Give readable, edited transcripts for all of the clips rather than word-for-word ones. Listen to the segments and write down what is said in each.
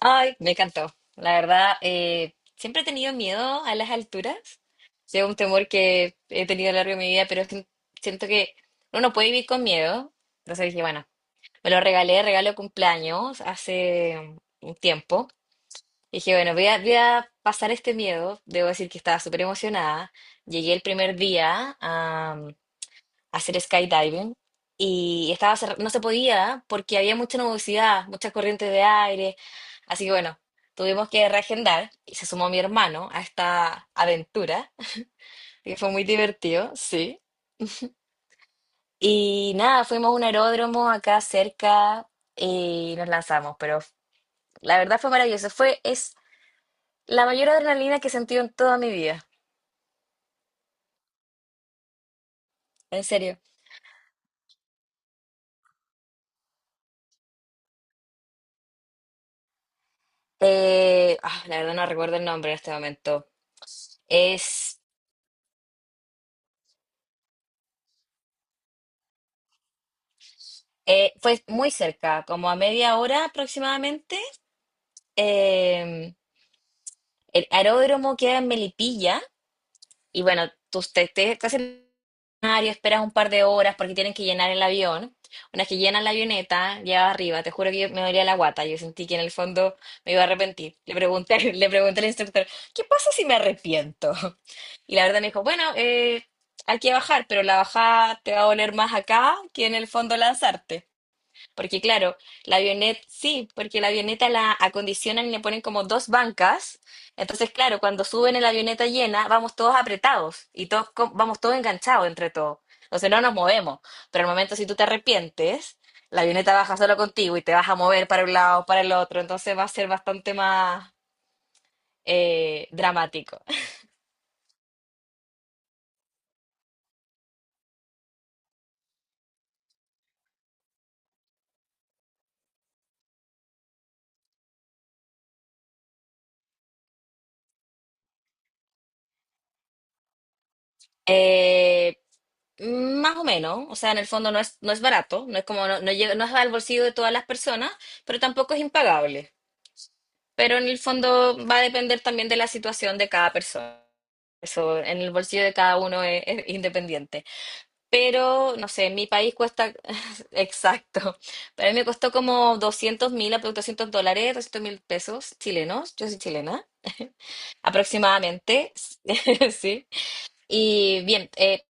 Ay, me encantó. La verdad, siempre he tenido miedo a las alturas. Sí, es un temor que he tenido a lo largo de mi vida, pero es que siento que uno no puede vivir con miedo. Entonces dije, bueno, me lo regalé, regalo de cumpleaños hace un tiempo. Y dije, bueno, voy a pasar este miedo. Debo decir que estaba súper emocionada. Llegué el primer día, hacer skydiving y estaba no se podía porque había mucha nubosidad, muchas corrientes de aire, así que bueno, tuvimos que reagendar y se sumó mi hermano a esta aventura, que fue muy divertido, sí. Y nada, fuimos a un aeródromo acá cerca y nos lanzamos, pero la verdad fue maravilloso, fue, es la mayor adrenalina que he sentido en toda mi vida, en serio. La verdad no recuerdo el nombre en este momento. Es Fue muy cerca, como a media hora aproximadamente. Eh, el aeródromo queda en Melipilla y bueno, tú estás en el escenario, esperas un par de horas porque tienen que llenar el avión. Una vez que llenan la avioneta, ya arriba, te juro que me dolía la guata, yo sentí que en el fondo me iba a arrepentir. Le pregunté, le pregunté al instructor, ¿qué pasa si me arrepiento? Y la verdad me dijo, bueno, hay que bajar, pero la bajada te va a doler más acá que en el fondo lanzarte. Porque claro, la avioneta, sí, porque la avioneta la acondicionan y le ponen como dos bancas. Entonces, claro, cuando suben en la avioneta llena, vamos todos apretados y todos vamos todos enganchados entre todos. Entonces no nos movemos. Pero al momento si tú te arrepientes, la avioneta baja solo contigo y te vas a mover para un lado, para el otro. Entonces va a ser bastante más dramático. Eh, Más o menos, o sea, en el fondo no es barato, no es como, no, no es al bolsillo de todas las personas, pero tampoco es impagable. Pero en el fondo va a depender también de la situación de cada persona. Eso en el bolsillo de cada uno es independiente. Pero, no sé, en mi país cuesta, exacto, para mí me costó como 200.000, $200, 200.000 pesos chilenos, yo soy chilena, aproximadamente, sí. Y bien,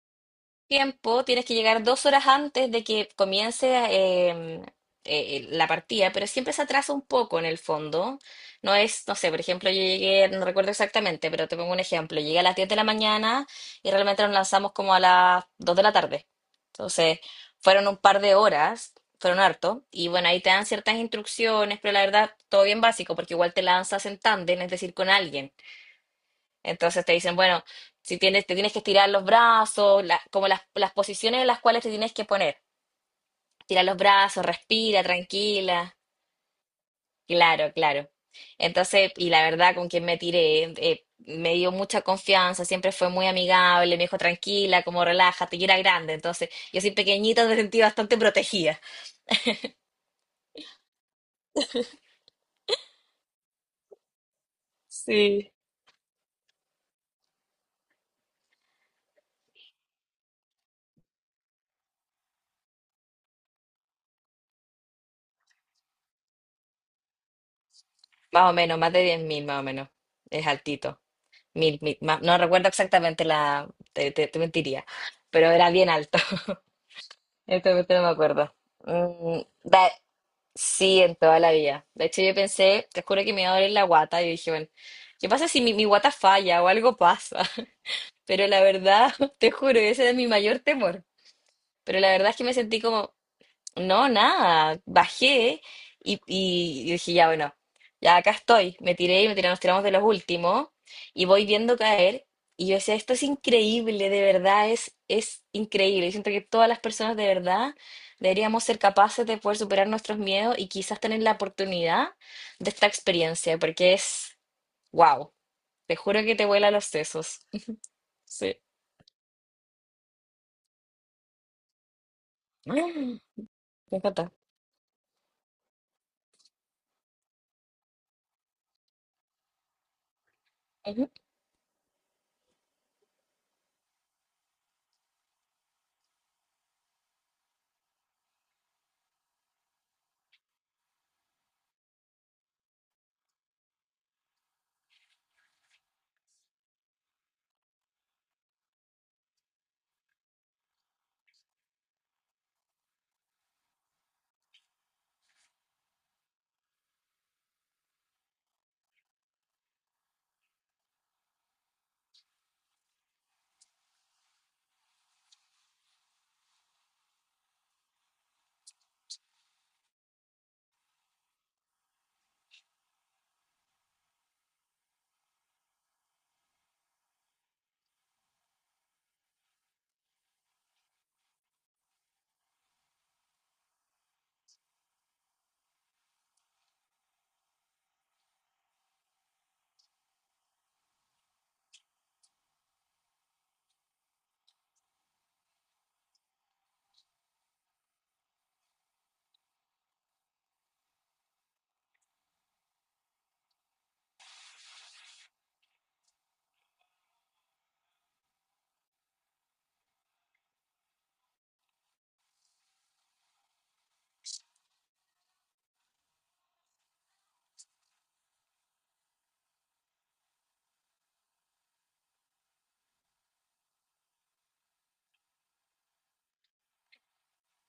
tiempo, tienes que llegar 2 horas antes de que comience em, eh, la partida, pero siempre se atrasa un poco en el fondo. No es, no sé, por ejemplo, yo llegué, no recuerdo exactamente, pero te pongo un ejemplo, llegué a las 10 de la mañana y realmente nos lanzamos como a las 2 de la tarde. Entonces, fueron un par de horas, fueron harto, y bueno, ahí te dan ciertas instrucciones, pero la verdad, todo bien básico, porque igual te lanzas en tándem, es decir, con alguien. Entonces te dicen, bueno, si tienes, te tienes que estirar los brazos, como las posiciones en las cuales te tienes que poner. Tira los brazos, respira, tranquila. Claro, claro. Entonces, y la verdad, con quien me tiré, me dio mucha confianza, siempre fue muy amigable, me dijo tranquila, como relájate, y era grande. Entonces, yo soy pequeñita, me sentí bastante protegida. Sí. Más o menos, más de 10.000, más o menos. Es altito. Mil, mil, no recuerdo exactamente te mentiría, pero era bien alto. Esta cuestión no me acuerdo. Mm, da- sí, en toda la vida. De hecho, yo pensé, te juro que me iba a doler la guata. Yo dije, bueno, ¿qué pasa si mi guata falla o algo pasa? Pero la verdad, te juro, ese era mi mayor temor. Pero la verdad es que me sentí como no, nada, bajé y dije, ya bueno, ya acá estoy, me tiré y me tiré, nos tiramos de los últimos y voy viendo caer y yo decía, esto es increíble, de verdad es increíble. Yo siento que todas las personas de verdad deberíamos ser capaces de poder superar nuestros miedos y quizás tener la oportunidad de esta experiencia, porque es, wow, te juro que te vuela los sesos. Sí. Me encanta. Ujú,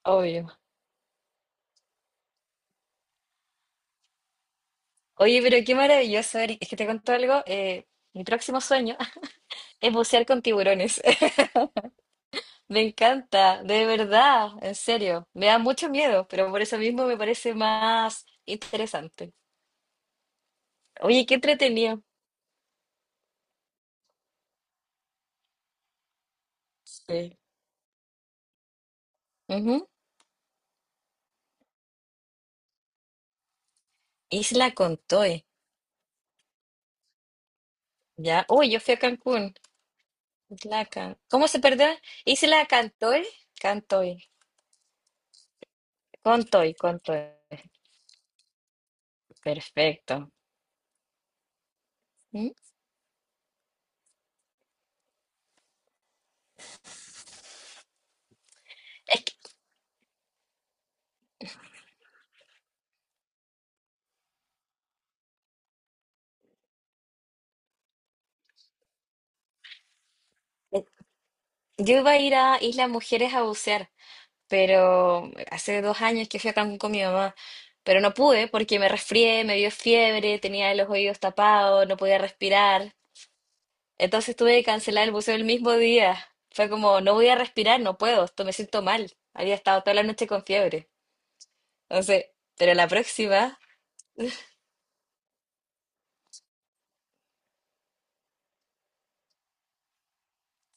obvio. Oye, pero qué maravilloso, Eric. Es que te cuento algo. Mi próximo sueño es bucear con tiburones. Me encanta, de verdad, en serio. Me da mucho miedo, pero por eso mismo me parece más interesante. Oye, qué entretenido. Sí. Ujú. Isla Contoy. Ya. Uy, yo fui a Cancún. ¿Cómo se perdona? Isla Cantoy. Cantoy. Contoy, Contoy. Perfecto. ¿Mm? Es que eh, yo iba a ir a Isla Mujeres a bucear. Pero hace 2 años que fui a Cancún con mi mamá, pero no pude porque me resfrié, me dio fiebre, tenía los oídos tapados, no podía respirar. Entonces tuve que cancelar el buceo el mismo día. Fue como, no voy a respirar, no puedo, esto me siento mal. Había estado toda la noche con fiebre. Entonces, pero la próxima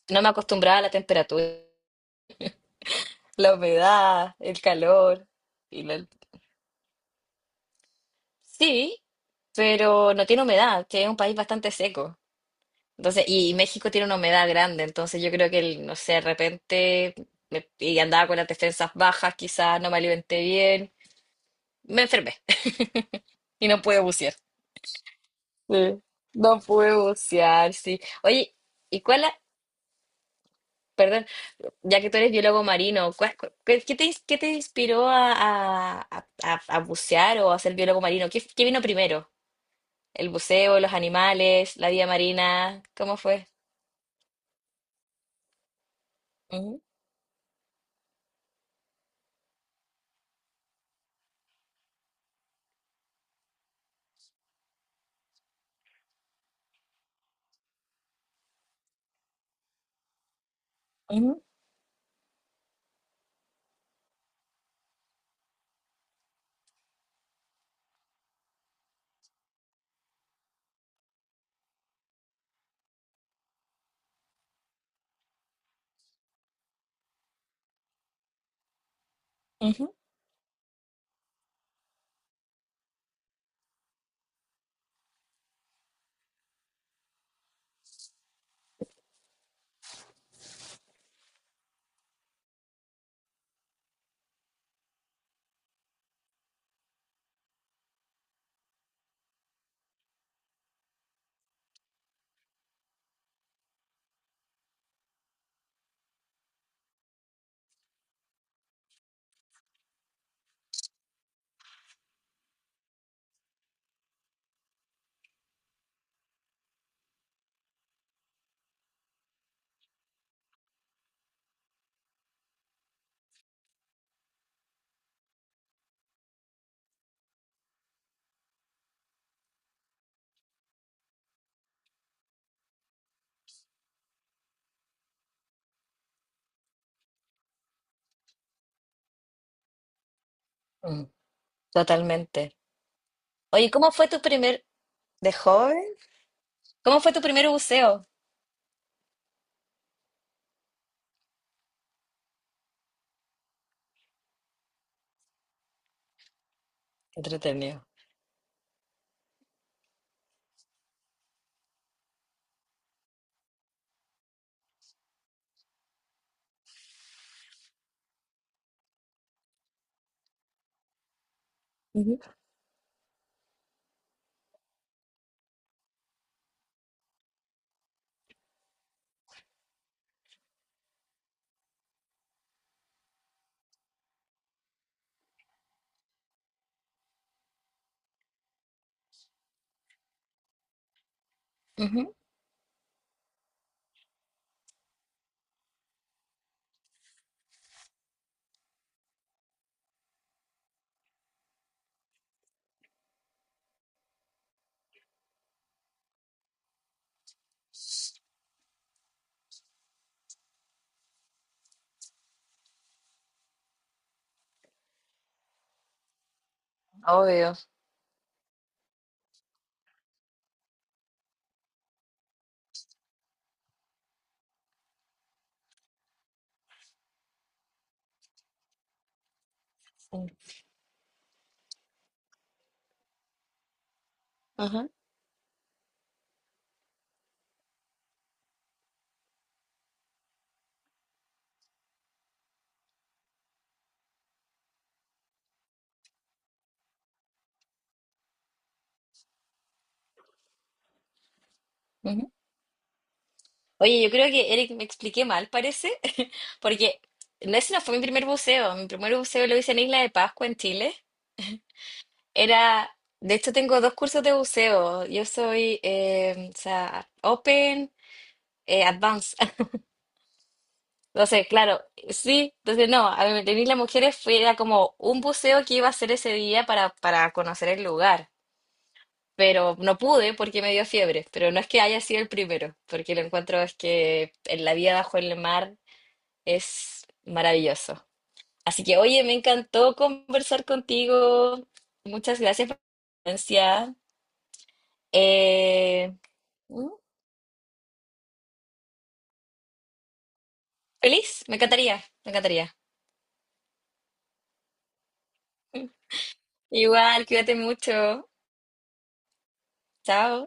no me acostumbraba a la temperatura, la humedad, el calor. Y la- Sí, pero no tiene humedad, que es un país bastante seco. Entonces, y México tiene una humedad grande, entonces yo creo que, el, no sé, de repente, y andaba con las defensas bajas, quizás no me alimenté bien, me enfermé y no pude bucear. Sí, no pude bucear, sí. Oye, ¿y cuál, perdón, ya que tú eres biólogo marino, qué te inspiró a bucear o a ser biólogo marino? ¿Qué vino primero? ¿El buceo, los animales, la vida marina? ¿Cómo fue? Ujú, ujú, ujú. Mm, totalmente. Oye, ¿cómo fue tu primer, de joven, cómo fue tu primer buceo? Qué entretenido. Ujú. Ujú, obvio. Sí. Ajá, ujú. Oye, yo creo que Eric me expliqué mal, parece, porque ese no fue mi primer buceo. Mi primer buceo lo hice en Isla de Pascua, en Chile. Era, de hecho, tengo dos cursos de buceo. Yo soy, o sea, Open, Advanced. Entonces, claro, sí, entonces no, a mí, en Isla Mujeres fue, era como un buceo que iba a hacer ese día para conocer el lugar. Pero no pude porque me dio fiebre. Pero no es que haya sido el primero, porque lo encuentro es que en la vida bajo el mar es maravilloso. Así que, oye, me encantó conversar contigo. Muchas gracias por la presencia. Eh, mm, ¿Feliz? Me encantaría, me encantaría. Igual, cuídate mucho. Chao.